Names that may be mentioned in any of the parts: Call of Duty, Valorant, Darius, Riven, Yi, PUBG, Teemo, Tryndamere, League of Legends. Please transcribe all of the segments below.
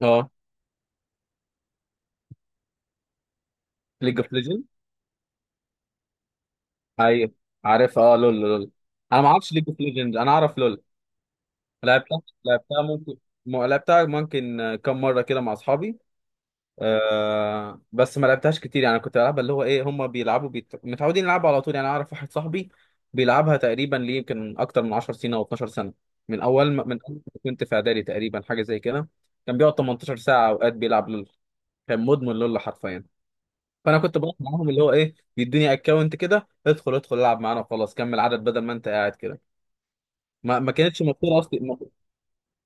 اه، ليج اوف ليجند. ايوه، عارف. اه لول. انا ما اعرفش ليج اوف ليجند، انا اعرف لول. لعبتها ممكن. لعبتها ممكن كم مره كده مع اصحابي. آه بس ما لعبتهاش كتير، يعني كنت بلعبها اللي هو ايه، هم بيلعبوا متعودين يلعبوا على طول. يعني اعرف واحد صاحبي بيلعبها تقريبا ليه يمكن اكتر من 10 سنين او 12 سنه، من أول ما كنت في اعدادي تقريبا، حاجه زي كده. كان بيقعد 18 ساعه اوقات بيلعب لول، كان مدمن لول حرفيا. فانا كنت بروح معاهم، اللي هو ايه، بيدوني اكونت كده، ادخل العب معانا وخلاص كمل عدد بدل ما انت قاعد كده. ما كانتش مفكوره اصلي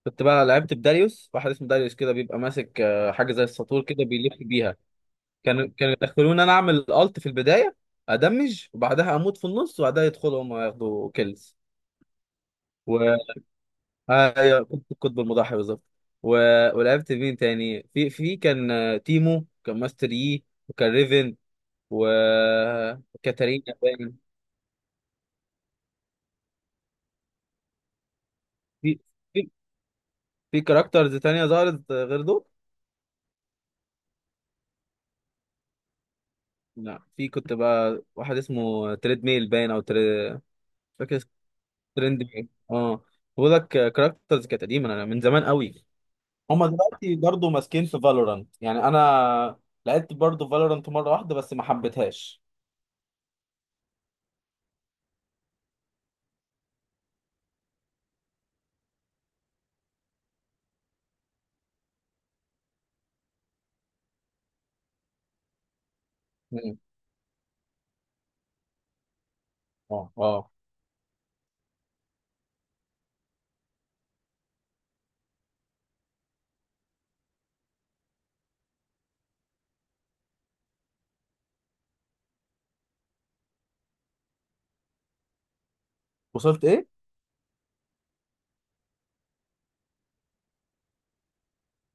كنت بقى لعبت بداريوس، واحد اسمه داريوس كده، بيبقى ماسك حاجه زي الساطور كده بيلف بيها. كانوا يدخلوني انا اعمل الت في البدايه، ادمج وبعدها اموت في النص، وبعدها يدخلوا هم ياخدوا كيلز. و آه، ايوه، كنت القطب المضاحي بالظبط. و... ولعبت مين تاني؟ في كان آه، تيمو، كان ماستر يي، وكان ريفن، وكاتارينا. في في في كاركترز تانية ظهرت غير دول؟ لا، في كنت بقى واحد اسمه تريد ميل باين او تريد، فاكر اسمه ترند ميل اه. بقول لك كاركترز كانت قديمة، انا من زمان قوي. هما دلوقتي برضه ماسكين في فالورانت. يعني انا لعبت برضه فالورانت مرة واحدة بس ما حبيتهاش. مم. اه، اه. وصلت ايه؟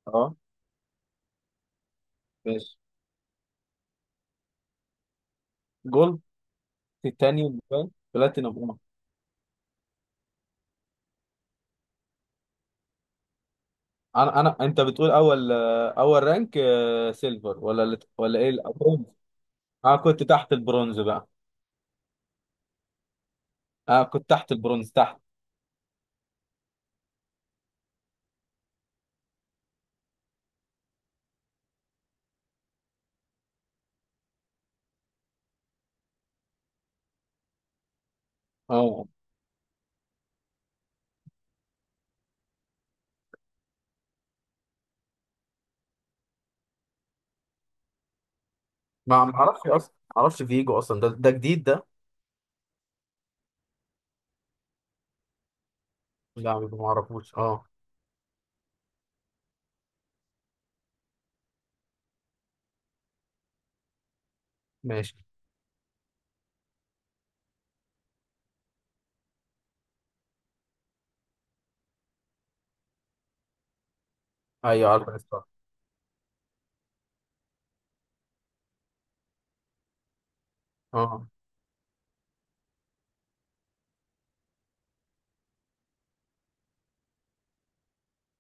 اه. ماشي. جولد. تيتانيوم باين، بلاتينوم اه. انا انت بتقول اول رانك آه، سيلفر ولا ايه الأول؟ اه، كنت تحت البرونز بقى. اه، كنت تحت البرونز تحت. اه. ما اعرفش اصلا، ما اعرفش فيجو اصلا، ده جديد ده. لا، ما اعرفوش اه. ماشي. ايوه، عارف الاستان. اه،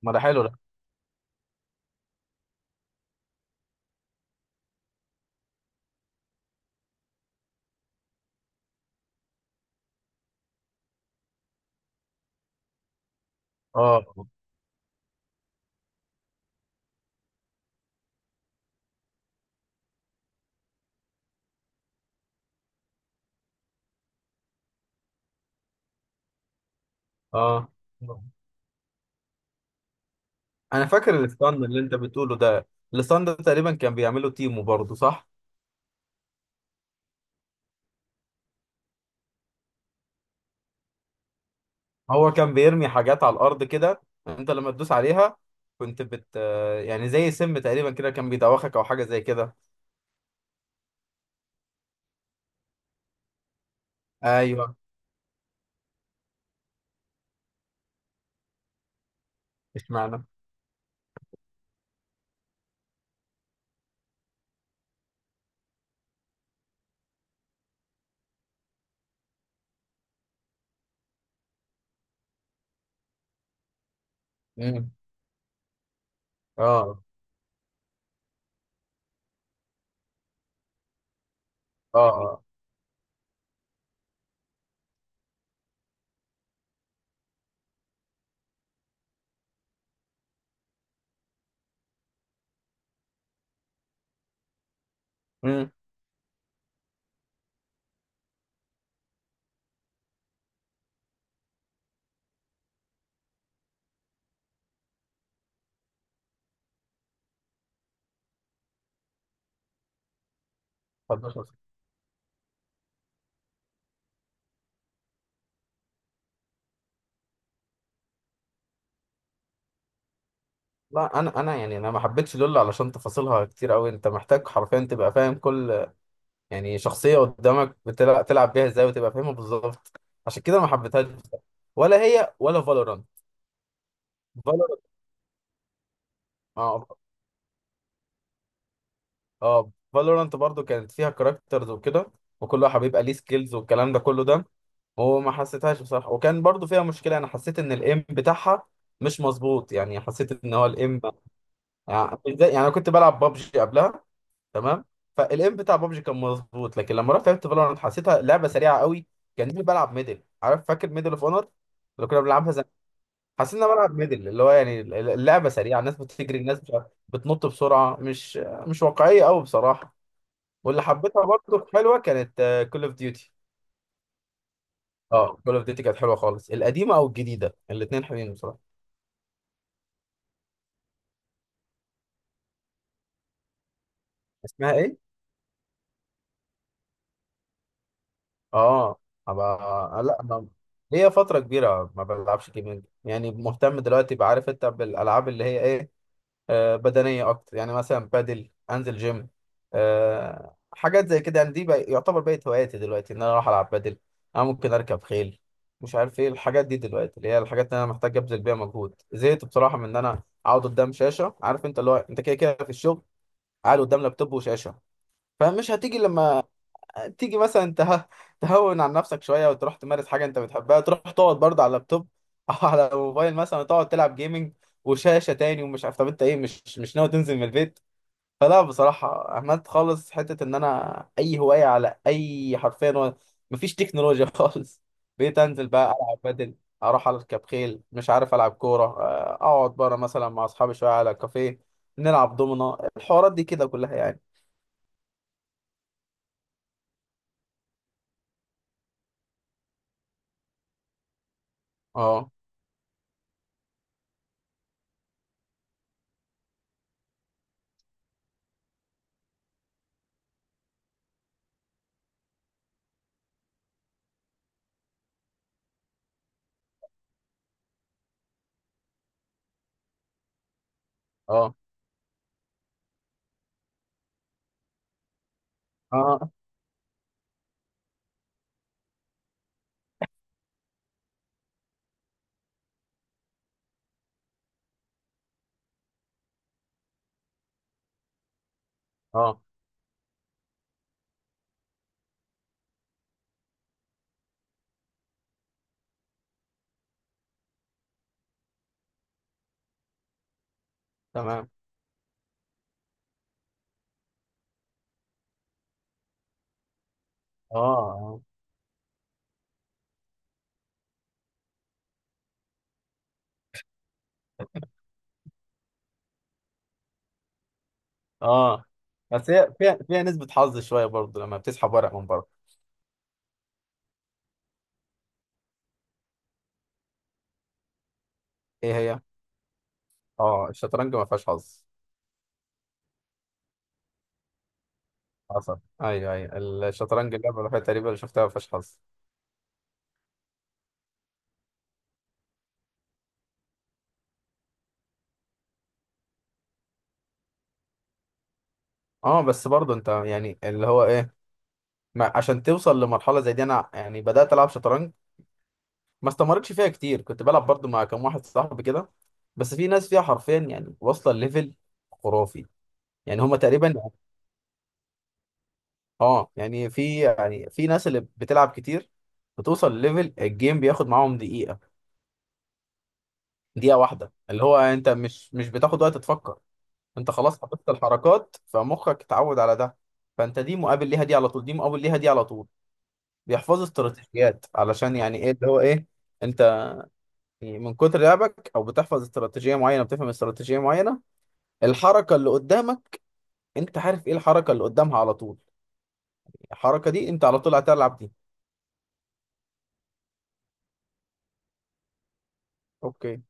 ما ده حلو ده. اه، اه. انا فاكر الاستان اللي انت بتقوله ده، الاستان ده تقريبا كان بيعمله تيمو برضه صح؟ هو كان بيرمي حاجات على الارض كده، انت لما تدوس عليها كنت بت، يعني زي سم تقريبا كده، كان بيدوخك او حاجه زي كده. ايوه. اشمعنى؟ امم. اه، اه، اه. امم. لا، انا يعني انا ما حبيتش لول علشان تفاصيلها كتير قوي، انت محتاج حرفيا تبقى فاهم كل يعني شخصيه قدامك بتلعب، تلعب بيها ازاي وتبقى فاهمها بالظبط. عشان كده ما حبيتهاش بصراحة. ولا هي ولا فالورانت. فالورانت. اه، اه. فالورانت برضو كانت فيها كاركترز وكده، وكل واحد بيبقى ليه سكيلز والكلام ده كله ده. وما حسيتهاش بصراحه، وكان برضو فيها مشكله، انا حسيت ان الايم بتاعها مش مظبوط، يعني حسيت ان هو الايم، يعني انا كنت بلعب بابجي قبلها تمام، فالام بتاع بابجي كان مظبوط، لكن لما رحت لعبت فالورانت حسيتها لعبه سريعه قوي، كاني بلعب ميدل. عارف فاكر ميدل اوف اونر اللي كنا بنلعبها زمان؟ حسيت ان انا بلعب ميدل، اللي هو يعني اللعبه سريعه، الناس بتجري، الناس مش عارف- بتنط بسرعه، مش واقعيه قوي بصراحه. واللي حبيتها برضه حلوه كانت كول اوف ديوتي. اه، كول اوف ديوتي كانت حلوه خالص، القديمه او الجديده الاثنين حلوين بصراحه. اسمها ايه؟ اه. هبقى. لا ما هي فترة كبيرة ما بلعبش جيمنج، يعني مهتم دلوقتي، بعرف انت بالالعاب اللي هي ايه، آه، بدنيه اكتر. يعني مثلا بادل، انزل جيم، آه، حاجات زي كده. يعني دي بقى يعتبر بقت هواياتي دلوقتي، ان انا اروح العب بادل، انا ممكن اركب خيل، مش عارف ايه الحاجات دي دلوقتي، اللي هي الحاجات اللي انا محتاج ابذل بيها مجهود. زهقت بصراحه من ان انا اقعد قدام شاشه، عارف انت اللي هو انت كده كده في الشغل قاعد قدام لابتوب وشاشه. فمش هتيجي لما تيجي مثلا ته... تهون عن نفسك شويه وتروح تمارس حاجه انت بتحبها، تروح تقعد برضه على اللابتوب او على الموبايل مثلا، تقعد تلعب جيمنج وشاشه تاني. ومش عارف، طب انت ايه مش ناوي تنزل من البيت؟ فلا بصراحه، عملت خالص حته ان انا اي هوايه على اي حرفيا مفيش تكنولوجيا خالص. بقيت انزل بقى العب بدل، اروح اركب خيل، مش عارف العب كوره، آه، اقعد بره مثلا مع اصحابي شويه على كافيه، نلعب دومنا، الحوارات دي كده كلها يعني. اه، اه، اه، اه. تمام. اه، اه، اه. بس هي فيها نسبة حظ شوية برضه لما بتسحب ورق من بره. ايه هي؟ اه، الشطرنج ما فيهاش حظ. حصل. ايوه، ايوه، الشطرنج اللعبة الوحيدة تقريبا اللي شفتها ما فيهاش حظ. اه بس برضه انت يعني اللي هو ايه، ما عشان توصل لمرحلة زي دي، انا يعني بدأت العب شطرنج، ما استمرتش فيها كتير، كنت بلعب برضه مع كام واحد صاحبي كده. بس في ناس فيها حرفيا يعني واصلة ليفل خرافي، يعني هما تقريبا. اه. يعني في، يعني في ناس اللي بتلعب كتير بتوصل لليفل الجيم بياخد معاهم دقيقة، دقيقة واحدة، اللي هو انت مش بتاخد وقت تفكر، انت خلاص حفظت الحركات فمخك اتعود على ده، فانت دي مقابل ليها دي على طول، دي مقابل ليها دي على طول، بيحفظوا استراتيجيات علشان يعني ايه اللي هو ايه انت، يعني من كتر لعبك او بتحفظ استراتيجية معينة، بتفهم استراتيجية معينة، الحركة اللي قدامك انت عارف ايه الحركة اللي قدامها على طول، الحركة دي انت على طول هتلعب دي. اوكي.